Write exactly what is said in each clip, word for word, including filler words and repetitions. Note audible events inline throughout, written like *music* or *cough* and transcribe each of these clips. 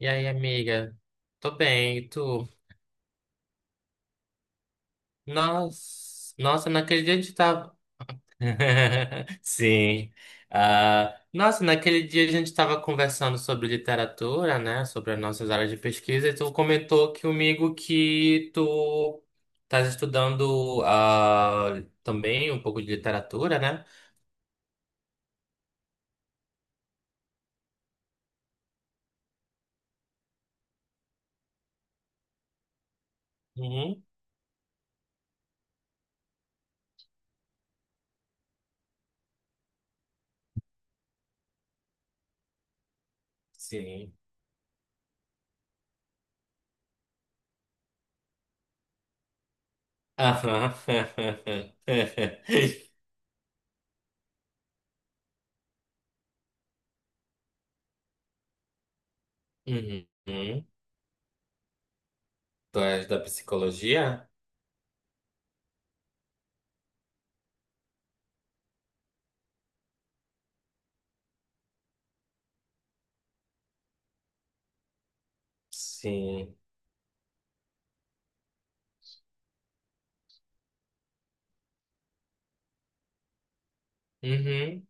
E aí, amiga? Tô bem, e tu? Nossa, nossa, naquele dia a gente tava. *laughs* Sim. Ah, nossa, naquele dia a gente tava conversando sobre literatura, né? Sobre as nossas áreas de pesquisa, e tu comentou que comigo que tu estás estudando ah, também um pouco de literatura, né? Uhum. Sim. Aham. *laughs* Uhum. Tu és da psicologia? Sim. Uhum.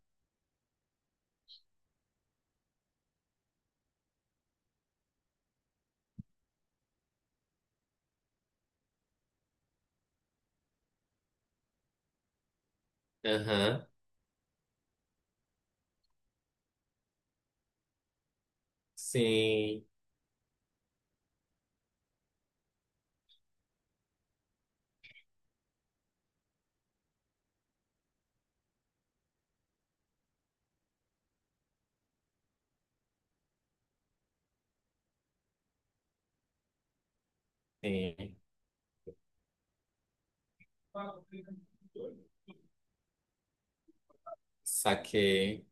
Aham. Sim, sim. Saquei.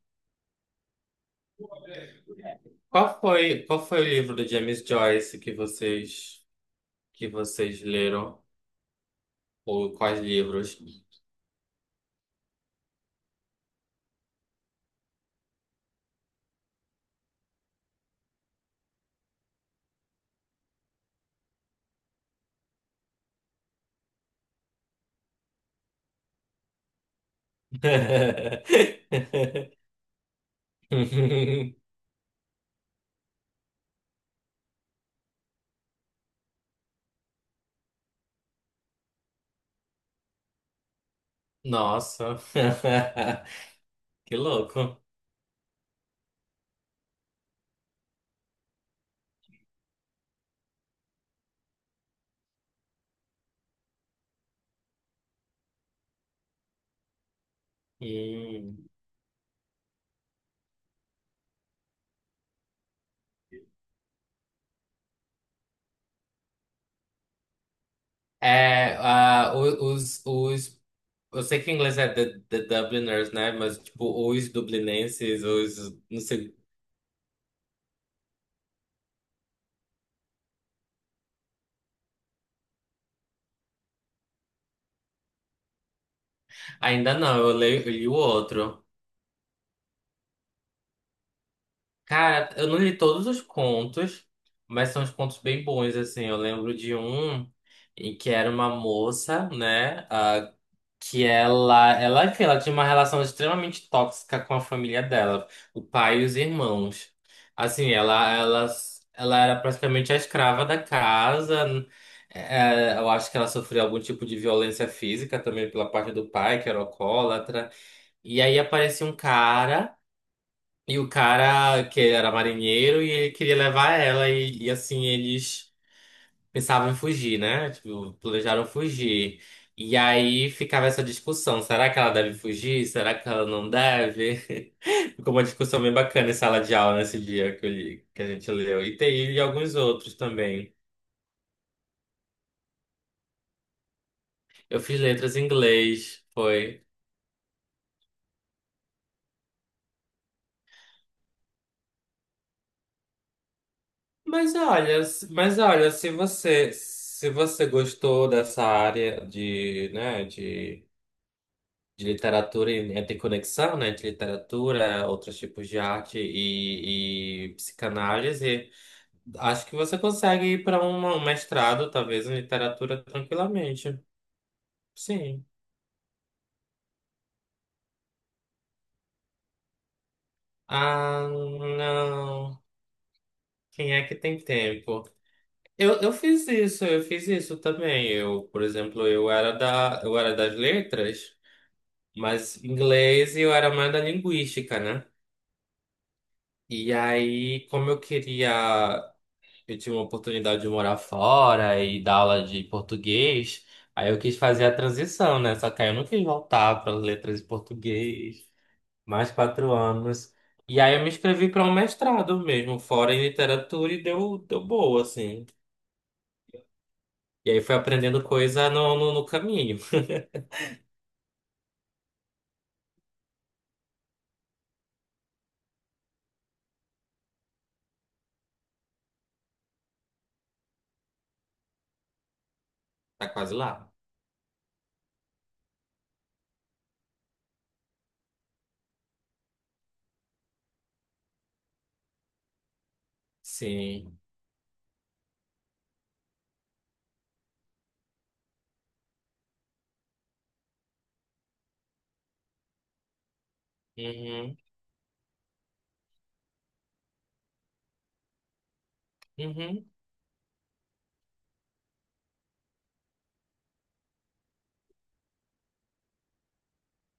Qual foi, qual foi o livro do James Joyce que vocês que vocês leram? Ou quais livros? *laughs* Nossa, *laughs* que louco. Hum. É, ah, o- os, os, eu sei que em inglês é the, the Dubliners, né? Mas tipo, os dublinenses, os, não sei. Ainda não, eu leio, eu li o outro. Cara, eu não li todos os contos, mas são uns contos bem bons, assim. Eu lembro de um em que era uma moça, né? ah, que ela, ela, enfim, ela tinha uma relação extremamente tóxica com a família dela, o pai e os irmãos. Assim, ela, ela, ela era praticamente a escrava da casa. eh, eu acho que ela sofreu algum tipo de violência física também pela parte do pai, que era alcoólatra. E aí aparecia um cara. E o cara que era marinheiro e ele queria levar ela e, e assim eles pensavam em fugir, né? Tipo, planejaram fugir. E aí ficava essa discussão, será que ela deve fugir? Será que ela não deve? *laughs* Ficou uma discussão bem bacana em sala de aula nesse dia que, eu li- que a gente leu. E tem e alguns outros também. Eu fiz letras em inglês, foi. Mas olha, se- mas olha, se você se você gostou dessa área de, né, de de literatura e tem conexão, né, entre literatura, outros tipos de arte e, e psicanálise, acho que você consegue ir para um mestrado, talvez, em literatura tranquilamente. Sim. Ah, não. Quem é que tem tempo? Eu, eu fiz isso, eu fiz isso também. Eu, por exemplo, eu era da, eu era das letras, mas inglês e eu era mais da linguística, né? E aí, como eu queria. Eu tive uma oportunidade de morar fora e dar aula de português. Aí eu quis fazer a transição, né? Só que aí eu não quis voltar para letras e português. Mais quatro anos. E aí eu me inscrevi para um mestrado mesmo, fora em literatura, e deu, deu boa, assim. E aí fui aprendendo coisa no, no, no caminho. *laughs* Tá quase lá. Sim. Uhum. Uhum.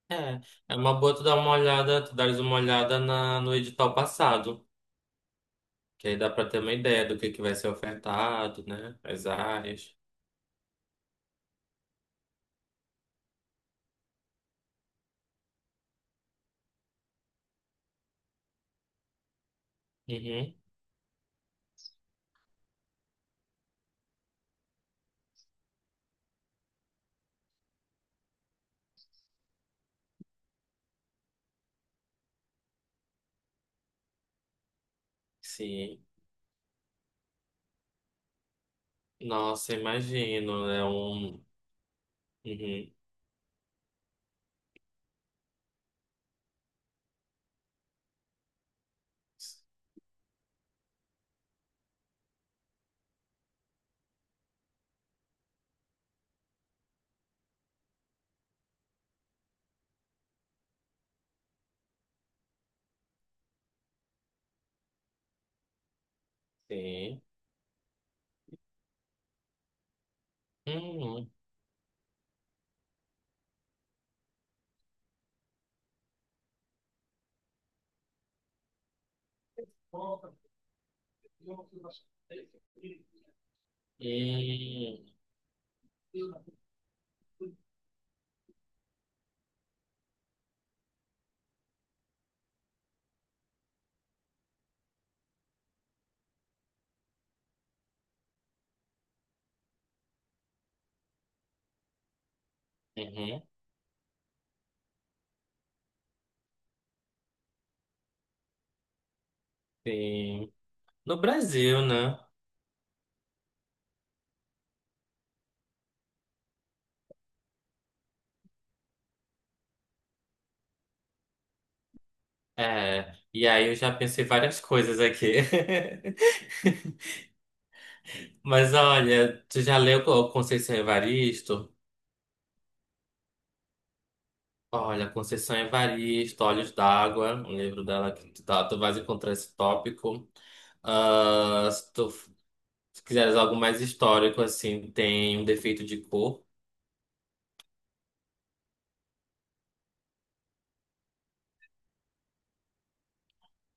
É. É uma boa tu dar uma olhada, tu dares uma olhada na, no edital passado. Que aí dá para ter uma ideia do que que vai ser ofertado, né? As áreas. Uhum. Sim. Nossa, imagino. É um. Uhum. Sim. Uhum. Hum. Uhum. Sim. No Brasil, né? É. E aí eu já pensei várias coisas aqui. *laughs* Mas olha, tu já leu o Conceição Evaristo? Olha, Conceição Evaristo, Olhos d'Água, um livro dela que tu, tá, tu vais encontrar esse tópico. Ah, se tu f- se quiseres algo mais histórico, assim, tem um defeito de cor.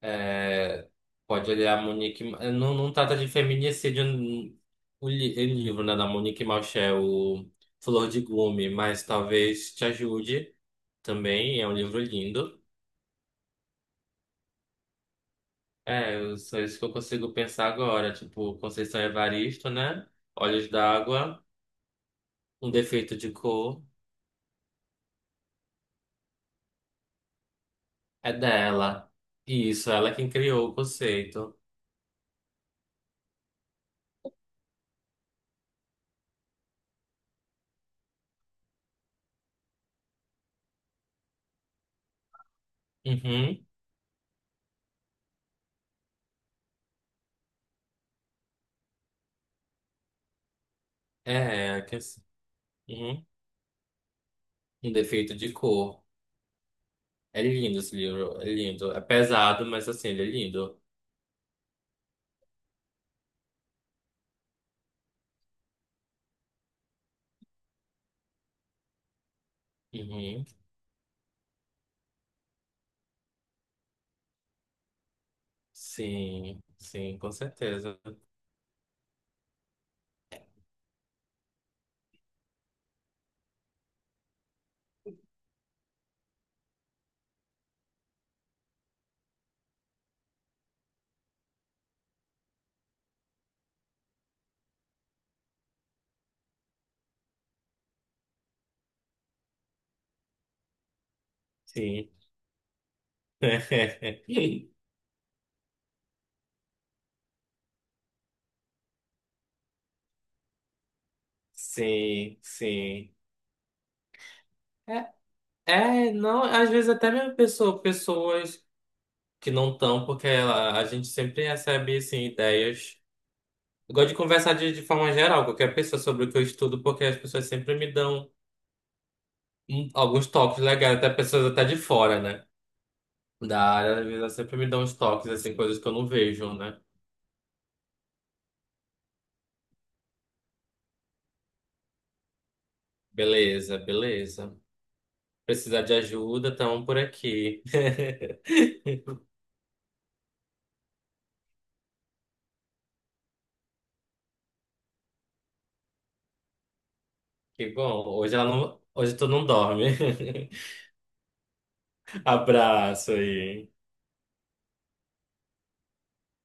É, pode olhar a Monique. Ma- eh, Não, não trata de feminicídio n- o, li- o livro, né, da Monique Malchel o Flor de Gume, mas talvez te ajude também. É um livro lindo. É, eu- só isso que eu consigo pensar agora. Tipo, Conceição Evaristo, né? Olhos d'Água. Um defeito de cor é dela. Isso, ela é quem criou o conceito. Uhum. É, que é assim. Uhum. Um defeito de cor. É lindo esse livro, é lindo. É pesado, mas assim, ele é lindo. Uhum. Sim, sim, com certeza. Sim. *laughs* Sim, sim. É, é, não, às vezes até mesmo pessoa, pessoas que não estão, porque a, a gente sempre recebe assim, ideias. Eu gosto de conversar de, de forma geral, com qualquer pessoa sobre o que eu estudo, porque as pessoas sempre me dão hum, alguns toques legais, até pessoas até de fora, né? Da área, às vezes elas sempre me dão uns toques, assim, coisas que eu não vejo, né? Beleza, beleza. Precisar de ajuda, estamos por aqui. *laughs* Que bom. Hoje ela não, hoje tu não dorme. *laughs* Abraço aí.